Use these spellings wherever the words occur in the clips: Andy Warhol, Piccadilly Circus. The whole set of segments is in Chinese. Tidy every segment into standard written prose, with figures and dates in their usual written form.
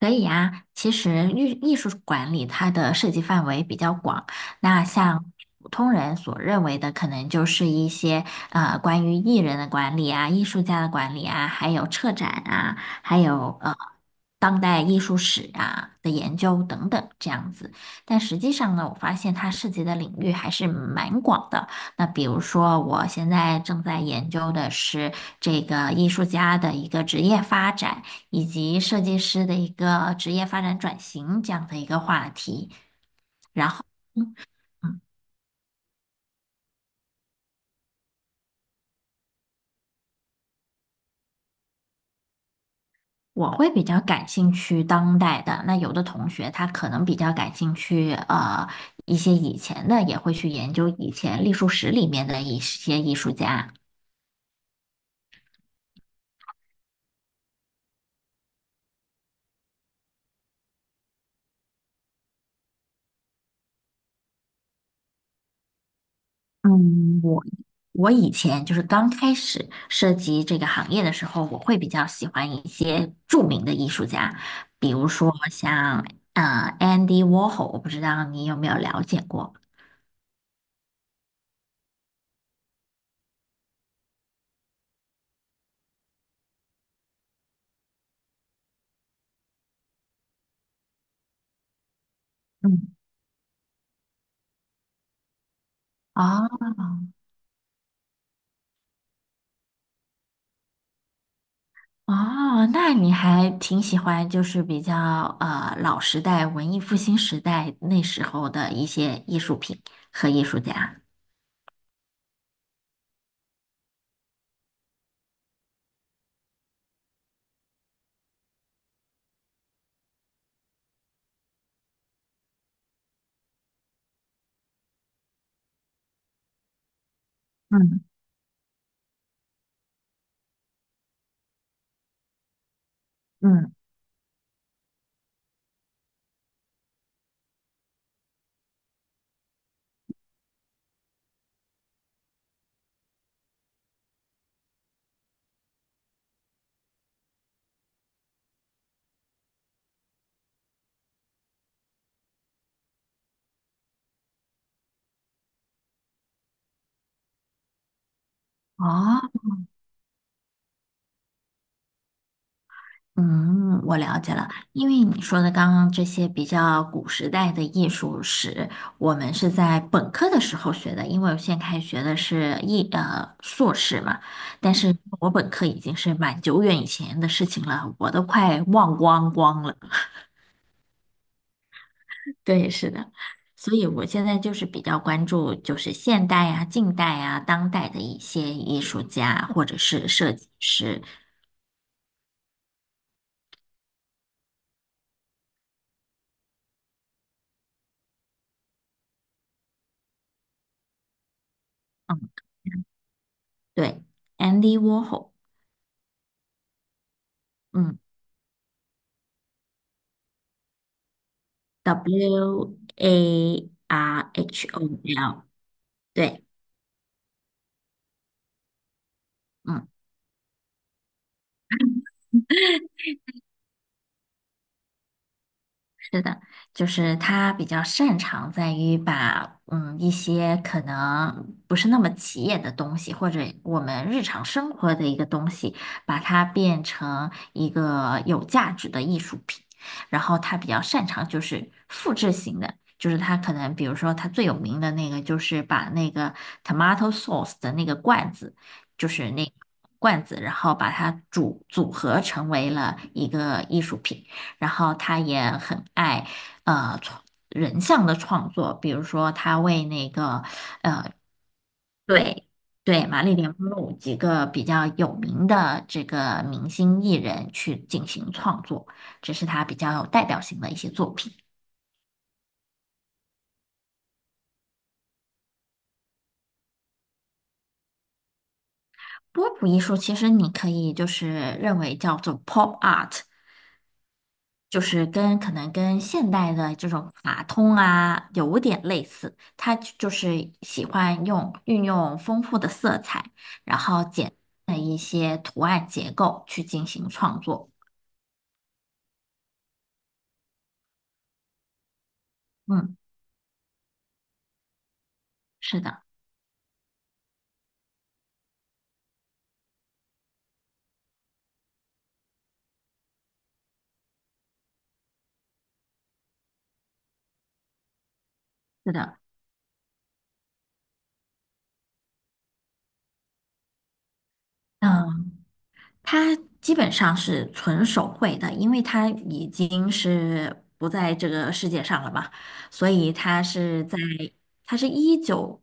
可以啊，其实艺术管理它的涉及范围比较广，那像普通人所认为的，可能就是一些关于艺人的管理啊、艺术家的管理啊，还有策展啊，还有当代艺术史啊的研究等等这样子。但实际上呢，我发现它涉及的领域还是蛮广的。那比如说，我现在正在研究的是这个艺术家的一个职业发展。以及设计师的一个职业发展转型这样的一个话题。嗯，我会比较感兴趣当代的，那有的同学他可能比较感兴趣一些以前的，也会去研究以前艺术史里面的一些艺术家。嗯，我以前就是刚开始涉及这个行业的时候，我会比较喜欢一些著名的艺术家，比如说像Andy Warhol，我不知道你有没有了解过。嗯，啊。哦，那你还挺喜欢，就是比较老时代、文艺复兴时代那时候的一些艺术品和艺术家。嗯嗯哦，嗯，我了解了。因为你说的刚刚这些比较古时代的艺术史，我们是在本科的时候学的，因为我现在开始学的是硕士嘛，但是我本科已经是蛮久远以前的事情了，我都快忘光光了。对，是的，所以我现在就是比较关注，就是现代啊、近代啊、当代的一些艺术家或者是设计师。嗯，对，Andy Warhol，嗯，Warhol，对，嗯。是的，就是他比较擅长在于把一些可能不是那么起眼的东西，或者我们日常生活的一个东西，把它变成一个有价值的艺术品。然后他比较擅长就是复制型的，就是他可能比如说他最有名的那个就是把那个 tomato sauce 的那个罐子，就是那个罐子，然后把它组合成为了一个艺术品。然后他也很爱呃创人像的创作，比如说他为那个对，对玛丽莲梦露几个比较有名的这个明星艺人去进行创作，这是他比较有代表性的一些作品。波普艺术其实你可以就是认为叫做 pop art，就是跟可能跟现代的这种卡通啊有点类似，它就是喜欢用运用丰富的色彩，然后简单的一些图案结构去进行创作。嗯，是的，是的，嗯，它基本上是纯手绘的，因为它已经是不在这个世界上了嘛，所以它是在，它是一九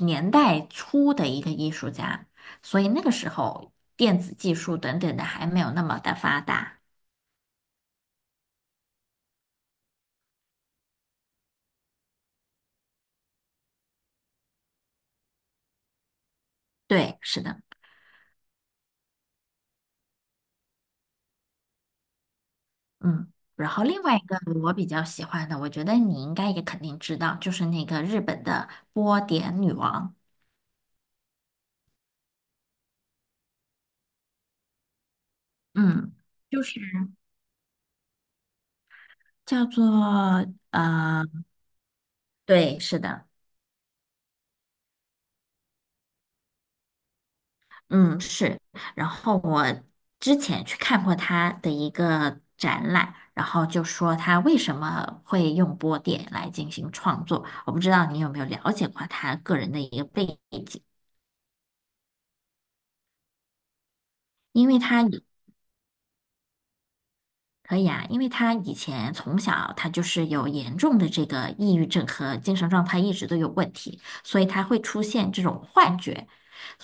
年代初的一个艺术家，所以那个时候电子技术等等的还没有那么的发达。对，是的，嗯。然后另外一个我比较喜欢的，我觉得你应该也肯定知道，就是那个日本的波点女王，嗯，就是叫做呃。对，是的，嗯，是。然后我之前去看过他的一个展览，然后就说他为什么会用波点来进行创作。我不知道你有没有了解过他个人的一个背景，因为他也可以啊，因为他以前从小他就是有严重的这个抑郁症和精神状态一直都有问题，所以他会出现这种幻觉。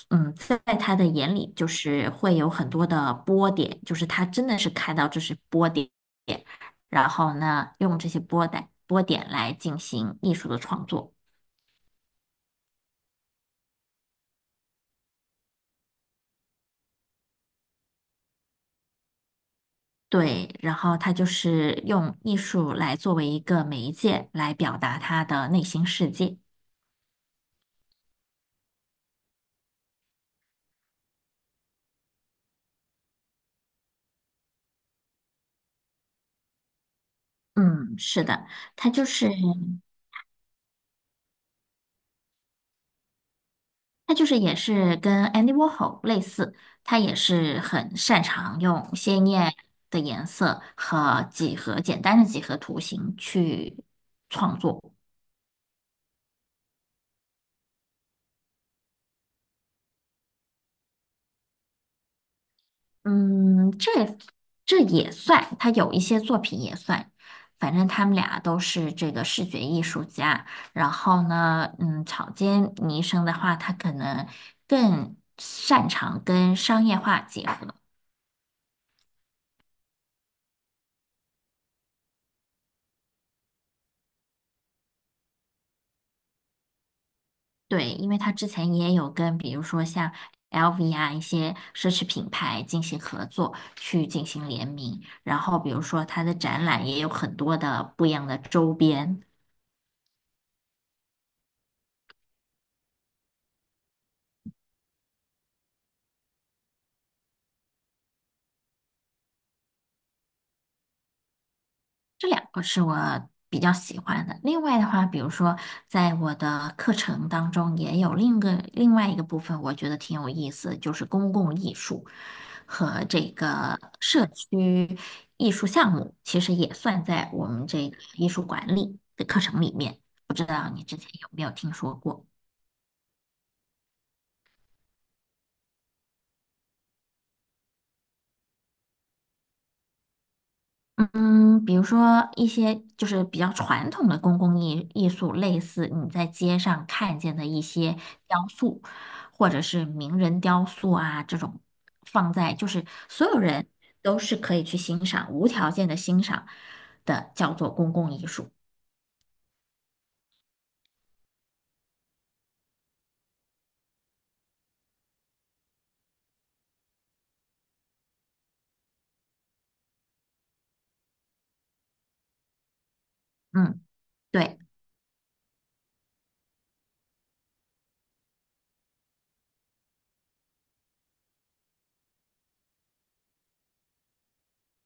嗯，在他的眼里就是会有很多的波点，就是他真的是看到这是波点，然后呢，用这些波点来进行艺术的创作。对，然后他就是用艺术来作为一个媒介来表达他的内心世界。嗯，是的，他就是。他就是也是跟 Andy Warhol 类似，他也是很擅长用鲜艳的颜色和简单的几何图形去创作。嗯，这也算，他有一些作品也算。反正他们俩都是这个视觉艺术家。然后呢，嗯，草间弥生的话，他可能更擅长跟商业化结合。对，因为他之前也有跟，比如说像 LV 啊一些奢侈品牌进行合作，去进行联名，然后比如说他的展览也有很多的不一样的周边。这两个是我比较喜欢的。另外的话，比如说在我的课程当中，也有另外一个部分，我觉得挺有意思，就是公共艺术和这个社区艺术项目，其实也算在我们这个艺术管理的课程里面。不知道你之前有没有听说过？嗯，比如说一些就是比较传统的公共艺术，类似你在街上看见的一些雕塑，或者是名人雕塑啊，这种放在就是所有人都是可以去欣赏，无条件的欣赏的，叫做公共艺术。嗯，对。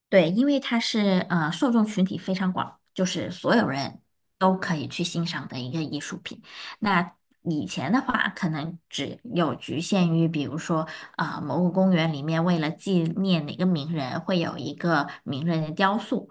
对，因为它是受众群体非常广，就是所有人都可以去欣赏的一个艺术品。那以前的话，可能只有局限于，比如说某个公园里面为了纪念哪个名人，会有一个名人的雕塑，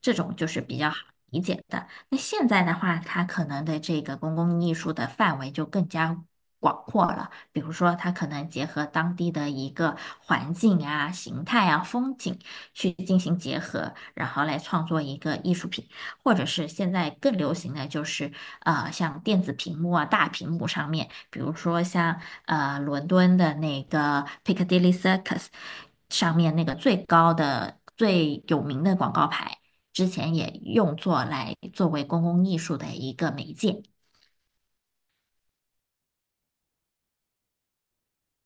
这种就是比较好理解的。那现在的话，它可能的这个公共艺术的范围就更加。广阔了，比如说它可能结合当地的一个环境啊、形态啊、风景。去进行结合，然后来创作一个艺术品，或者是现在更流行的就是，像电子屏幕啊、大屏幕上面，比如说像伦敦的那个 Piccadilly Circus 上面那个最高的、最有名的广告牌，之前也用作来作为公共艺术的一个媒介。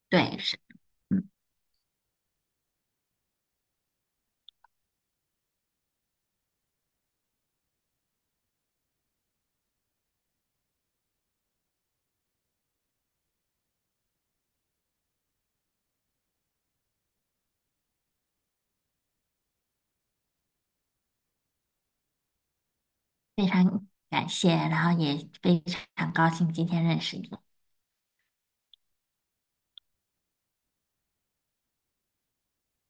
对，是，嗯，非常感谢，然后也非常高兴今天认识你。